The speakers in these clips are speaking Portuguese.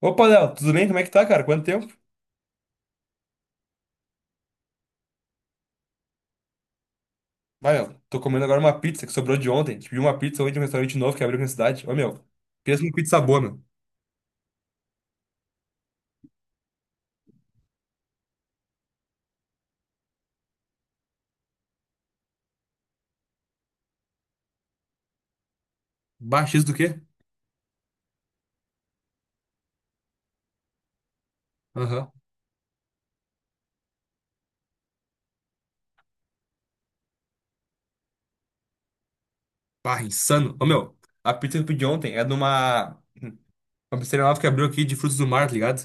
Opa, Léo, tudo bem? Como é que tá, cara? Quanto tempo? Vai, meu, tô comendo agora uma pizza que sobrou de ontem. Pedi uma pizza hoje de um restaurante novo que abriu aqui na cidade. Ô, meu, pensa numa pizza boa, meu. Baixo isso do quê? Aham. Barra, insano. Ô, meu, a pizza que eu pedi ontem é de uma pizzaria nova que abriu aqui de frutos do mar, tá ligado?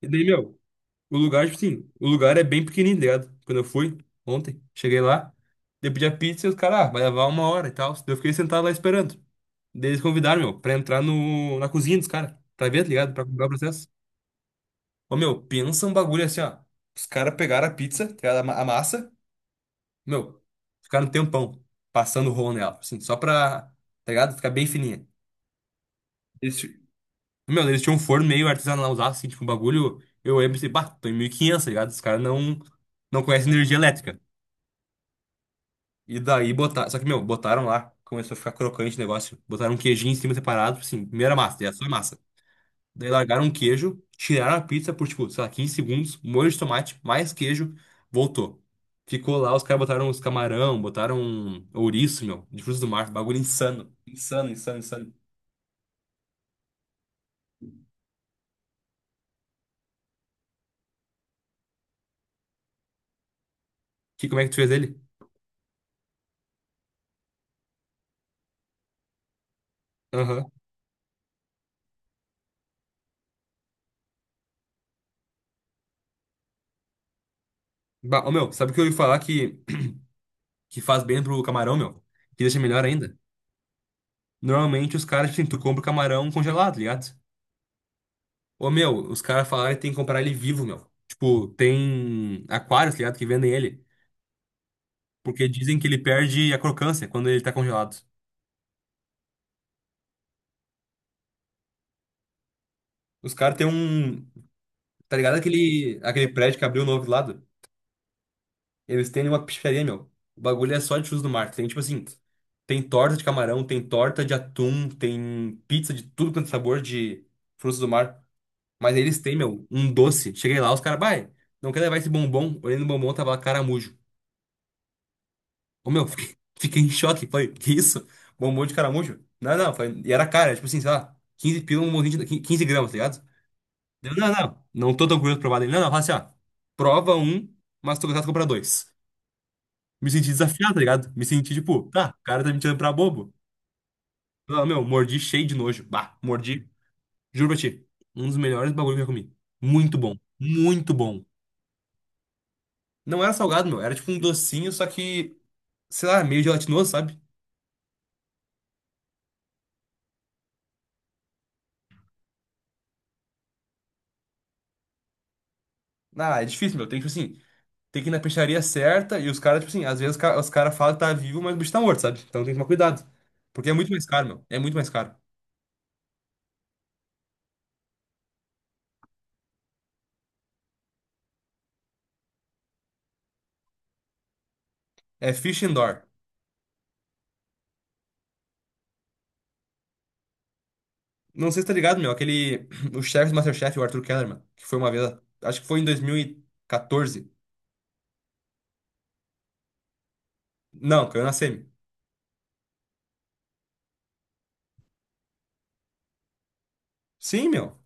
E daí, meu, o lugar, tipo assim, o lugar é bem pequenininho, tá ligado? Quando eu fui ontem, cheguei lá, daí eu pedi a pizza e os caras, ah, vai levar uma hora e tal. Daí eu fiquei sentado lá esperando. Daí eles convidaram, meu, pra entrar no, na cozinha dos caras, pra ver, tá ligado? Pra comprar o processo. Ô, meu, pensa um bagulho assim, ó. Os caras pegaram a pizza, tá ligado? A massa, meu, ficaram um tempão passando o rolo nela, assim, só pra, tá ligado? Ficar bem fininha. Eles, ti- Meu, eles tinham um forno meio artesanalzaço, assim, tipo, um bagulho, eu lembro assim, bah, tô em 1500, tá ligado? Os caras não, não conhecem energia elétrica. E daí botaram, só que, meu, botaram lá, começou a ficar crocante o negócio, botaram um queijinho em cima separado, assim, primeira massa, é só massa. Daí largaram um queijo, tiraram a pizza por, tipo, sei lá, 15 segundos, molho de tomate, mais queijo, voltou. Ficou lá, os caras botaram os camarão, botaram ouriço, meu, de frutos do mar, bagulho insano. Insano, insano, insano. Que, como é que tu fez ele? Aham. Bah, ô, meu, sabe o que eu ouvi falar que faz bem pro camarão, meu? Que deixa melhor ainda? Normalmente os caras, tipo assim, tu compra o camarão congelado, tá ligado? Ô, meu, os caras falaram que tem que comprar ele vivo, meu. Tipo, tem aquários, tá ligado, que vendem ele. Porque dizem que ele perde a crocância quando ele tá congelado. Os caras têm um. Tá ligado aquele prédio que abriu novo do lado? Eles têm uma pizzaria, meu. O bagulho é só de frutos do mar. Tem tipo assim: tem torta de camarão, tem torta de atum, tem pizza de tudo quanto é sabor de frutos do mar. Mas eles têm, meu, um doce. Cheguei lá, os caras, vai, não quer levar esse bombom? Olhei no bombom, tava lá caramujo. Ô, meu, fiquei em choque. Falei, que isso? Bombom de caramujo? Não, não, foi, e era cara, tipo assim, sei lá, 15 pila, um bombom de 15 gramas, tá ligado? Eu, não, não, não tô tão curioso pra provar dele. Não, não, fala assim, ó. Prova um, mas tô gostado de comprar dois. Me senti desafiado, tá ligado? Me senti tipo, tá, o cara tá me tirando pra bobo. Ah, meu, mordi cheio de nojo. Bah, mordi. Juro pra ti. Um dos melhores bagulho que eu já comi. Muito bom. Muito bom. Não era salgado, meu. Era tipo um docinho, só que, sei lá, meio gelatinoso, sabe? Ah, é difícil, meu. Tem que, tipo assim, tem que ir na peixaria certa e os caras, tipo assim, às vezes os caras falam que tá vivo, mas o bicho tá morto, sabe? Então tem que tomar cuidado. Porque é muito mais caro, meu. É muito mais caro. É fish and door. Não sei se tá ligado, meu. Aquele. O chefe do MasterChef, o Arthur Kellerman, que foi uma vez. Acho que foi em 2014. Não, caiu na semi. Sim, meu.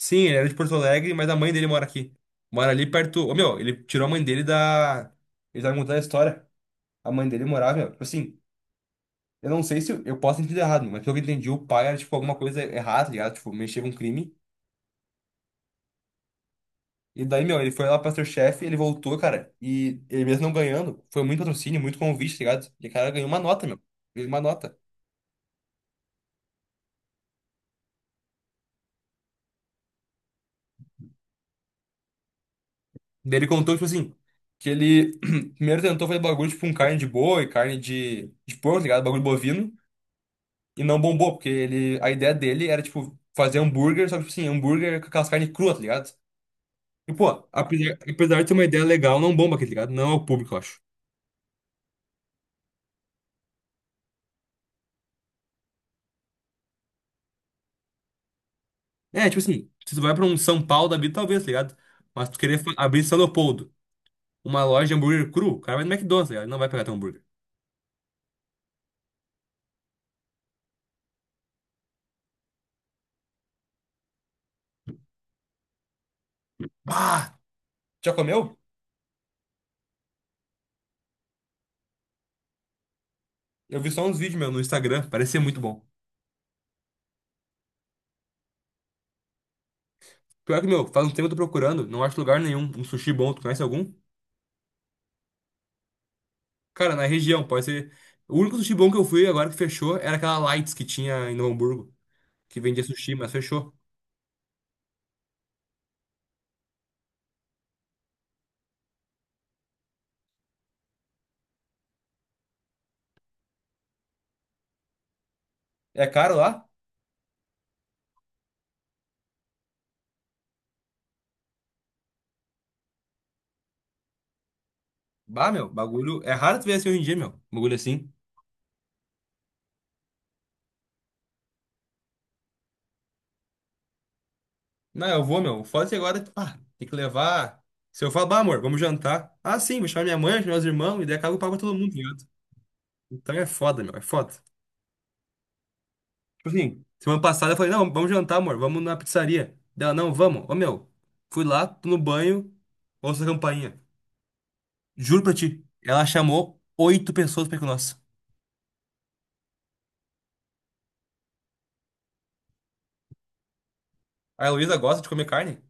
Sim, ele era de Porto Alegre, mas a mãe dele mora aqui. Mora ali perto. Ô, meu, ele tirou a mãe dele da. Ele tava me contando a história. A mãe dele morava, meu. Tipo assim, eu não sei se eu posso ter entendido errado, mas pelo que eu entendi, o pai era, tipo, alguma coisa errada, tá ligado? Tipo, mexia com crime. E daí, meu, ele foi lá pro MasterChef, ele voltou, cara. E ele mesmo não ganhando, foi muito patrocínio, muito convite, tá ligado? E o cara ganhou uma nota, meu. Ganhou uma nota. Daí ele contou, tipo assim, que ele primeiro tentou fazer bagulho, tipo, com carne de boi, carne de porco, tá ligado? Bagulho bovino, e não bombou, porque ele, a ideia dele era, tipo, fazer hambúrguer, só que, tipo assim, hambúrguer com aquelas carnes cruas, tá ligado? E, pô, apesar de ter uma ideia legal, não bomba aqui, tá ligado? Não é o público, eu acho. É, tipo assim, se tu vai pra um São Paulo da vida, talvez, tá ligado? Mas tu querer abrir em São Leopoldo, uma loja de hambúrguer cru, o cara vai no McDonald's, tá ligado? Ele não vai pegar teu hambúrguer. Bah! Já comeu? Eu vi só uns vídeos, meu, no Instagram, parecia muito bom. Pior que, meu, faz um tempo que eu tô procurando, não acho lugar nenhum. Um sushi bom, tu conhece algum? Cara, na região, pode ser. O único sushi bom que eu fui agora que fechou era aquela Lights que tinha em Novo Hamburgo, que vendia sushi, mas fechou. É caro lá? Bah, meu, bagulho. É raro tu ver assim hoje em dia, meu. Bagulho assim. Não, eu vou, meu. Foda-se agora, pá, tem que levar. Se eu falar, bah, amor, vamos jantar. Ah, sim, vou chamar minha mãe, vou chamar meus irmãos, e daí acaba eu pago pra todo mundo, tá ligado? Então é foda, meu, é foda. Tipo assim, semana passada eu falei, não, vamos jantar, amor, vamos na pizzaria. Dela, não, vamos. Ô, meu, fui lá, tô no banho, ouço a campainha. Juro pra ti, ela chamou oito pessoas pra ir com nós. A Heloísa gosta de comer carne?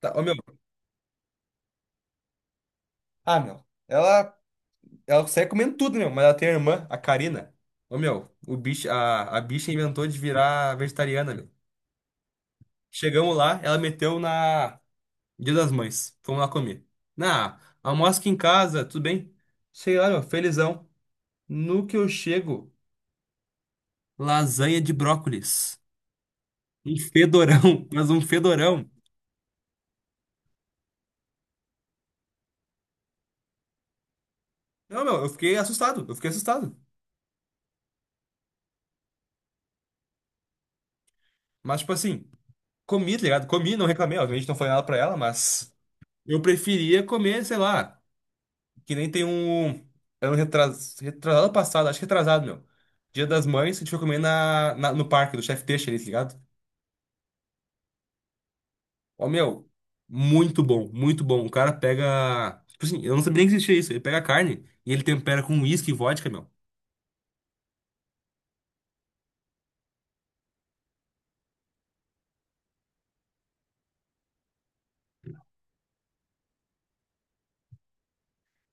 Tá, ô, meu. Ah, meu. Ela consegue comendo tudo, meu, mas ela tem a irmã, a Karina. Ô, meu, o bicho, a bicha inventou de virar vegetariana, meu. Chegamos lá, ela meteu na Dia das Mães. Fomos lá comer. Almoço aqui em casa, tudo bem? Sei lá, meu, felizão. No que eu chego, lasanha de brócolis. Um fedorão, mas um fedorão. Não, meu, eu fiquei assustado, eu fiquei assustado. Mas, tipo assim, comi, tá ligado? Comi, não reclamei, obviamente não foi nada pra ela, mas eu preferia comer, sei lá, que nem tem um. Era um retrasado passado, acho que retrasado, meu. Dia das Mães, a gente foi comer no parque do Chef Teixeira, ali, tá ligado? Ó, meu, muito bom, muito bom. O cara pega. Tipo assim, eu não sabia nem que existia isso. Ele pega a carne e ele tempera com uísque e vodka, meu.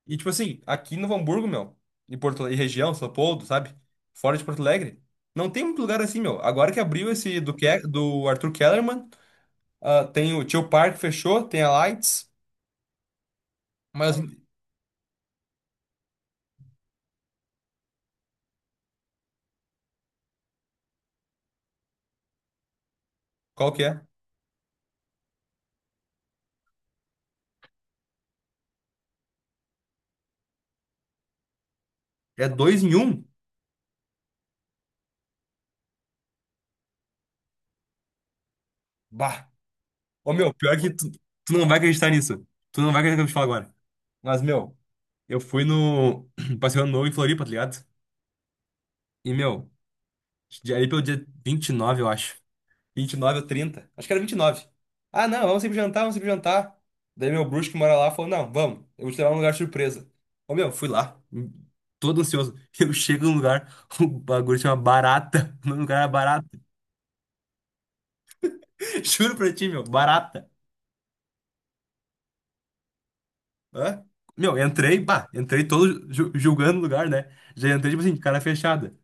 E, tipo assim, aqui no Hamburgo, meu, e Porto, e região, São Leopoldo, sabe? Fora de Porto Alegre, não tem muito lugar assim, meu. Agora que abriu esse do Arthur Kellerman, ah, tem o Tio Park fechou, tem a Lights, mas qual que é? É dois em um? Bah! Ô, meu, pior que tu não vai acreditar nisso. Tu não vai acreditar no que eu vou te falo agora. Mas, meu, eu fui no Passeio Ano Novo em Floripa, tá ligado? E, meu, ali pelo dia 29, eu acho. 29 ou 30. Acho que era 29. Ah, não, vamos sempre jantar, vamos sempre jantar. Daí meu bruxo que mora lá falou, não, vamos, eu vou te levar num lugar surpresa. Ô, meu, fui lá, todo ansioso. Eu chego num lugar, o bagulho chama Barata. O nome do lugar era Barata. Juro pra ti, meu, Barata. Hã? Meu, entrei, pá, entrei todo julgando o lugar, né? Já entrei, tipo assim, de cara fechada.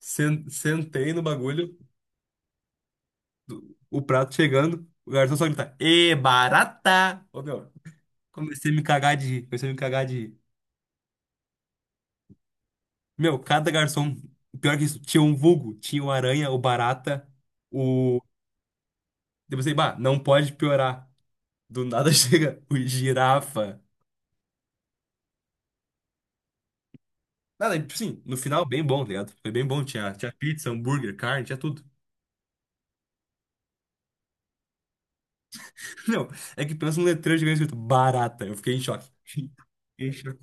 Sentei no bagulho, o prato chegando, o garçom só grita, Ê, barata! Ô, meu, comecei a me cagar de rir, comecei a me cagar de rir. Meu, cada garçom, pior que isso, tinha um vulgo, tinha o aranha, o barata, o. Eu pensei, bah, não pode piorar. Do nada chega o girafa. Nada, tipo assim, no final, bem bom, tá ligado? Foi bem bom, tinha, pizza, hambúrguer, carne, tinha tudo. Não, é que pensa um letreiro gigante escrito barata, eu fiquei em choque. Fiquei em choque.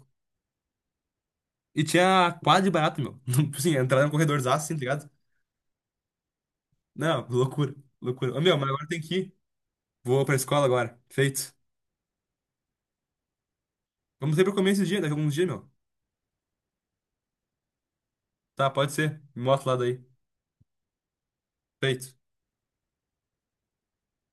E tinha quadro de barata, meu. Tipo assim, entrar no corredorzaço, assim, tá ligado? Não, loucura, loucura. Ô, meu, mas agora tem que ir. Vou pra escola agora, feito. Vamos ter pra comer esse dia, daqui a alguns dias, meu. Tá, pode ser. Me mostra lá daí. Feito